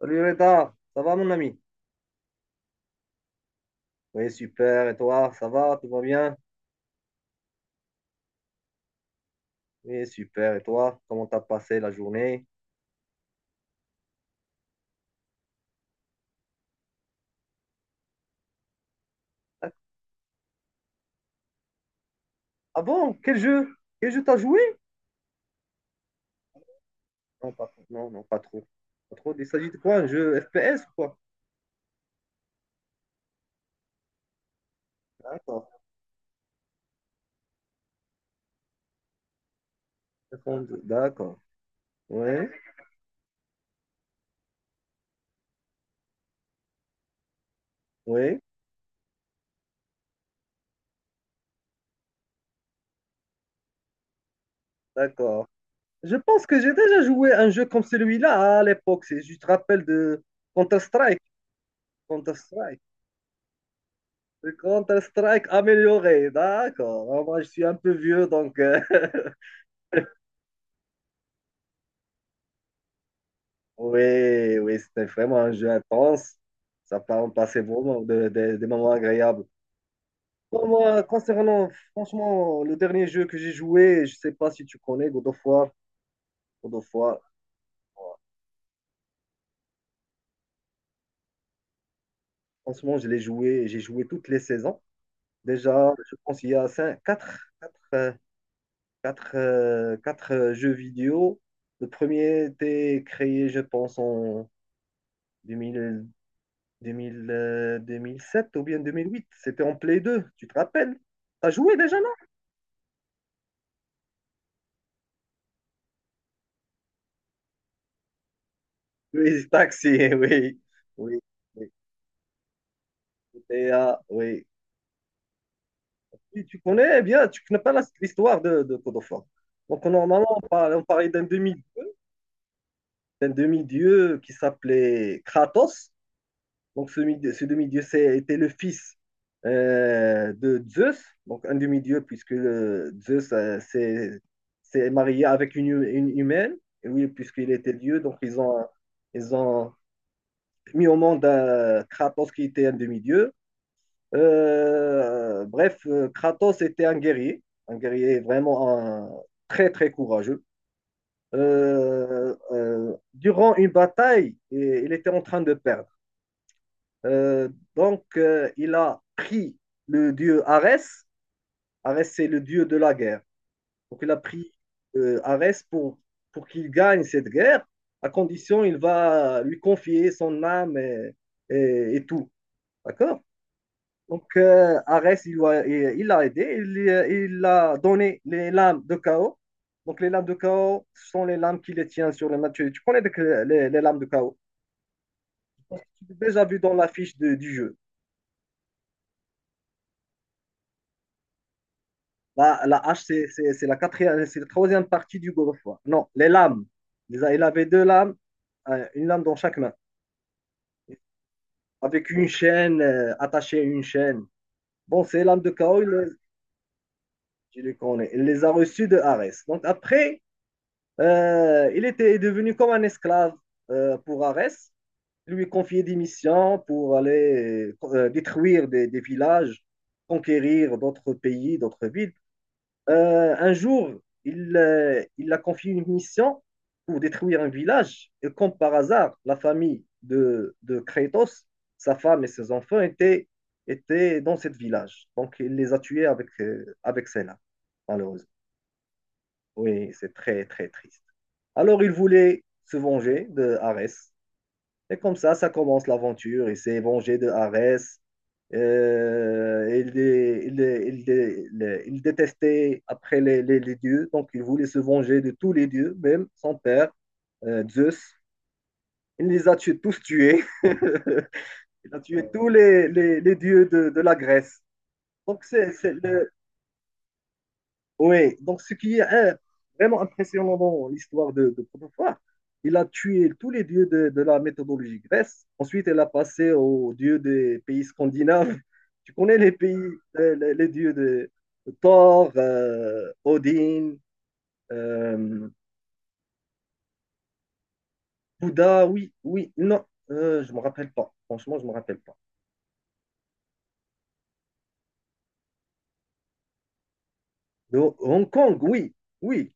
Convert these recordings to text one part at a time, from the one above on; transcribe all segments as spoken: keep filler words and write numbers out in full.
Salut Reda, ça va mon ami? Oui, super, et toi, ça va, tout va bien? Oui, super, et toi, comment t'as passé la journée? Ah, ah bon, quel jeu? Quel jeu t'as joué? Non, pas, non, non, pas trop. Pas trop, il s'agit de quoi, un jeu F P S ou quoi? D'accord, d'accord, oui, oui, d'accord. Je pense que j'ai déjà joué un jeu comme celui-là à l'époque, c'est, je te rappelle de Counter-Strike, Counter-Strike. Le Counter-Strike amélioré, d'accord. Ah, moi, je suis un peu vieux, donc... euh, Oui, oui, c'était vraiment un jeu intense. Ça part, passait vraiment de- de- des moments agréables. Bon, moi, concernant, franchement, le dernier jeu que j'ai joué, je sais pas si tu connais, God of War. God of War, franchement, je l'ai joué, j'ai joué toutes les saisons. Déjà, je pense qu'il y a cinq, quatre, quatre, euh, quatre, euh, quatre, euh, jeux vidéo. Le premier était créé, je pense, en deux mille, deux mille, euh, deux mille sept ou bien deux mille huit. C'était en Play deux, tu te rappelles? T'as joué déjà? Oui, taxi, oui, oui, oui, G T A, oui. Et tu connais eh bien, tu connais pas la- l'histoire de, de God. Donc, normalement, on parle- on parlait d'un demi, d'un demi-dieu qui s'appelait Kratos. Donc, ce, mi- ce demi-dieu c'est- était le fils euh, de Zeus. Donc, un demi-dieu, puisque euh, Zeus euh, s'est s'est marié avec une, hu- une humaine. Et oui, puisqu'il était dieu, donc ils ont, ils ont mis au monde un Kratos qui était un demi-dieu. Euh, bref, euh, Kratos était un guerrier, un guerrier vraiment un- très très courageux. Euh, euh, durant une bataille, et- il était en train de perdre. Euh, donc, euh, il a pris le dieu Arès. Arès, c'est le dieu de la guerre. Donc, il a pris euh, Arès pour, pour qu'il gagne cette guerre, à condition il va lui confier son âme et, et- et tout. D'accord? Donc, euh, Arès, il l'a il l'a aidé, il, euh, il a donné les lames de chaos. Donc, les lames de chaos sont les lames qui les tiennent sur le match. Tu connais donc, euh, les, les lames de chaos. Tu l'as déjà vu dans la fiche de- du jeu. La, la hache, c'est c'est- c'est la quatrième, c'est la troisième partie du God of War. Non, les lames. Il a- il avait deux lames, euh, une lame dans chaque main, avec une chaîne euh, attachée à une chaîne. Bon, ces lames de chaos, il les, je les connais. Il les a reçues de Arès. Donc, après, Euh, il était devenu comme un esclave euh, pour Arès. Il lui confiait des missions pour aller euh, détruire des, des villages, conquérir d'autres pays, d'autres villes. Euh, un jour, il, euh, il a confié une mission pour détruire un village. Et comme par hasard, la famille de, de Kratos, sa femme et ses enfants étaient, étaient dans ce village. Donc, il les a tués avec, euh, avec celle-là, malheureusement. Oui, c'est très, très triste. Alors il voulait se venger de Arès. Et comme ça, ça commence l'aventure. Il s'est vengé de Arès. Euh, il, dé- il dé- il dé- il- dé- Il détestait après les, les- les dieux, donc il voulait se venger de tous les dieux, même son père, euh, Zeus. Il les a tués, tous tués. Il a tué tous les, les- les dieux de, de la Grèce. Donc c'est, c'est le, Oui, donc ce qui est euh, vraiment impressionnant dans l'histoire de, de Protophore, il a tué tous les dieux de, de la méthodologie grecque. Ensuite, il a passé aux dieux des pays scandinaves. Tu connais les pays, euh, les, les dieux de Thor, euh, Odin, euh, Bouddha, oui, oui, non, euh, je ne me rappelle pas. Franchement, je ne me rappelle pas. De Hong Kong, oui, oui,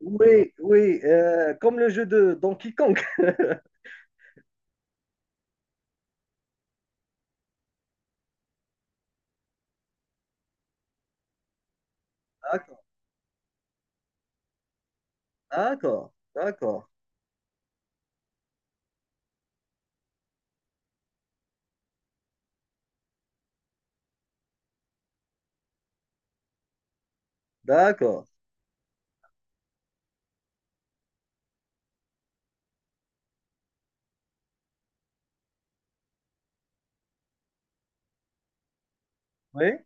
oui, oui, euh, comme le jeu de Donkey Kong. D'accord, d'accord, d'accord, d'accord. Oui?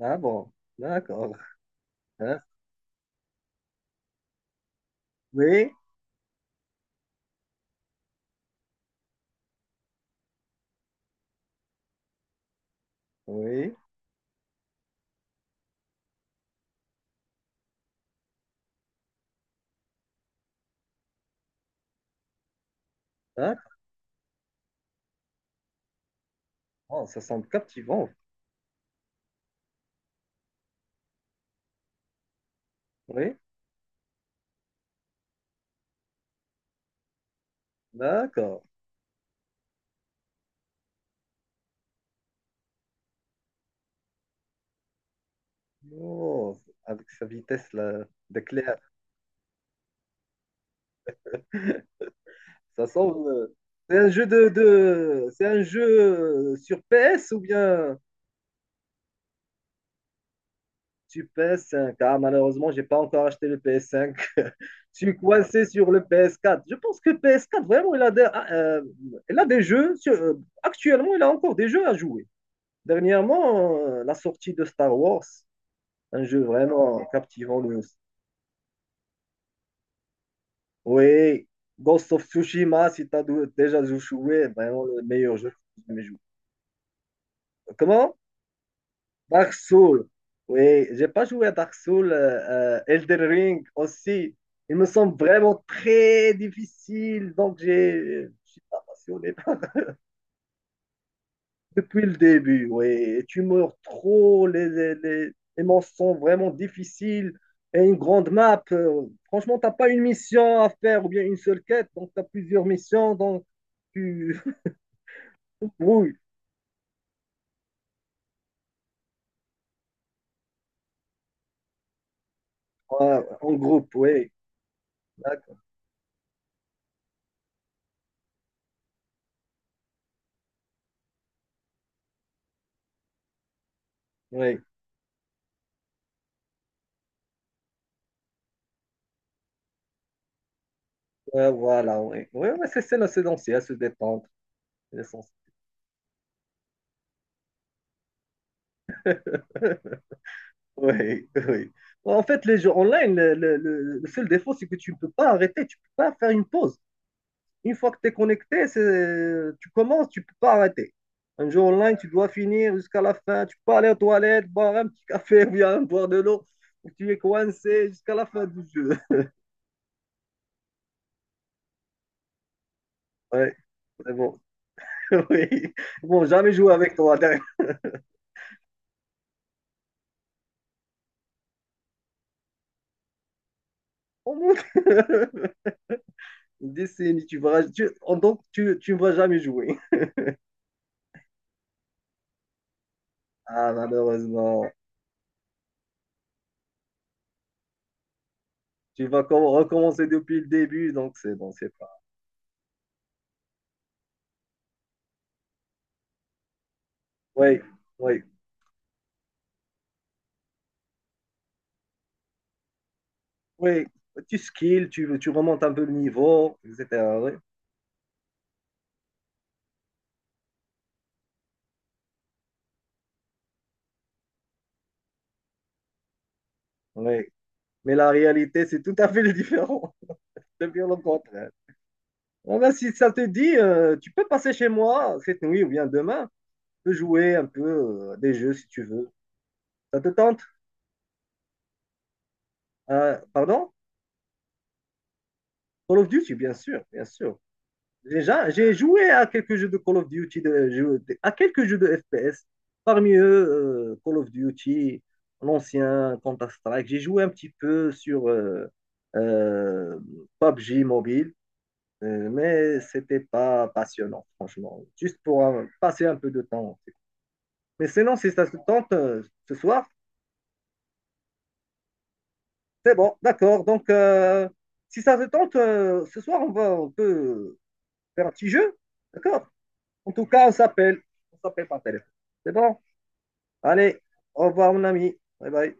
Ah bon, d'accord. Hein? Oui, oui, d'accord. Oh, ça semble captivant. Oui, d'accord. Oh, avec sa vitesse là, d'éclair, ça semble. euh, C'est un jeu de, de... C'est un jeu euh, sur P S ou bien sur P S cinq? Ah, malheureusement, j'ai pas encore acheté le P S cinq. Je suis coincé sur le P S quatre. Je pense que P S quatre, vraiment, il a des, ah, euh, il a des jeux. sur- euh, Actuellement, il a encore des jeux à jouer. Dernièrement, euh, la sortie de Star Wars, un jeu vraiment captivant. le- Oui, Ghost of Tsushima, si tu as déjà joué, vraiment le meilleur jeu que j'ai jamais joué. Comment? Dark Souls. Oui, j'ai pas joué à Dark Souls. euh, euh, Elden Ring aussi. Il me semble vraiment très difficile, donc j'ai, euh, je suis pas passionné. Depuis le début, oui. Tu meurs trop, les, les, les, les manches sont vraiment difficiles et une grande map. euh, Franchement, t'as pas une mission à faire ou bien une seule quête, donc t'as plusieurs missions, donc tu tu brouilles. Ouais, en groupe, oui. D'accord. Oui, ouais, voilà, oui. Oui, ouais, c'est c'est l'essentiel, se détendre. C'est l'essentiel. Oui, oui. En fait, les jeux online, le, le- le- le seul défaut, c'est que tu ne peux pas arrêter, tu ne peux pas faire une pause. Une fois que tu es connecté, tu commences, tu ne peux pas arrêter. Un jeu online, tu dois finir jusqu'à la fin. Tu peux aller aux toilettes, boire un petit café ou bien boire de l'eau. Tu es coincé jusqu'à la fin du jeu. Ouais, c'est bon. Oui. Bon, jamais jouer avec toi. derrière. On monte. Une décennie, tu vas, tu, donc tu, tu ne vas jamais jouer. Ah, malheureusement. Tu vas com- recommencer depuis le début, donc c'est bon, c'est pas. Oui, oui, oui. Tu skills, tu, tu remontes un peu le niveau, et cétéra. Oui. Oui. Mais la réalité, c'est tout à fait le différent. C'est bien le contraire. Ah ben, si ça te dit, euh, tu peux passer chez moi cette nuit ou bien demain. Tu peux jouer un peu euh, à des jeux si tu veux. Ça te tente? Euh, pardon? Call of Duty, bien sûr, bien sûr. Déjà, j'ai joué à quelques jeux de Call of Duty, de- jeux- de- à quelques jeux de F P S. Parmi eux, euh, Call of Duty, l'ancien Counter-Strike. J'ai joué un petit peu sur euh, euh, P U B G Mobile. Euh, mais c'était pas passionnant, franchement. Juste pour euh, passer un peu de temps. Mais sinon, si ça se tente euh, ce soir, c'est bon, d'accord. Donc, euh, si ça se tente euh, ce soir, on va, on peut faire un petit jeu, d'accord? En tout cas, on s'appelle. On s'appelle par téléphone. C'est bon? Allez, au revoir, mon ami. Bye bye.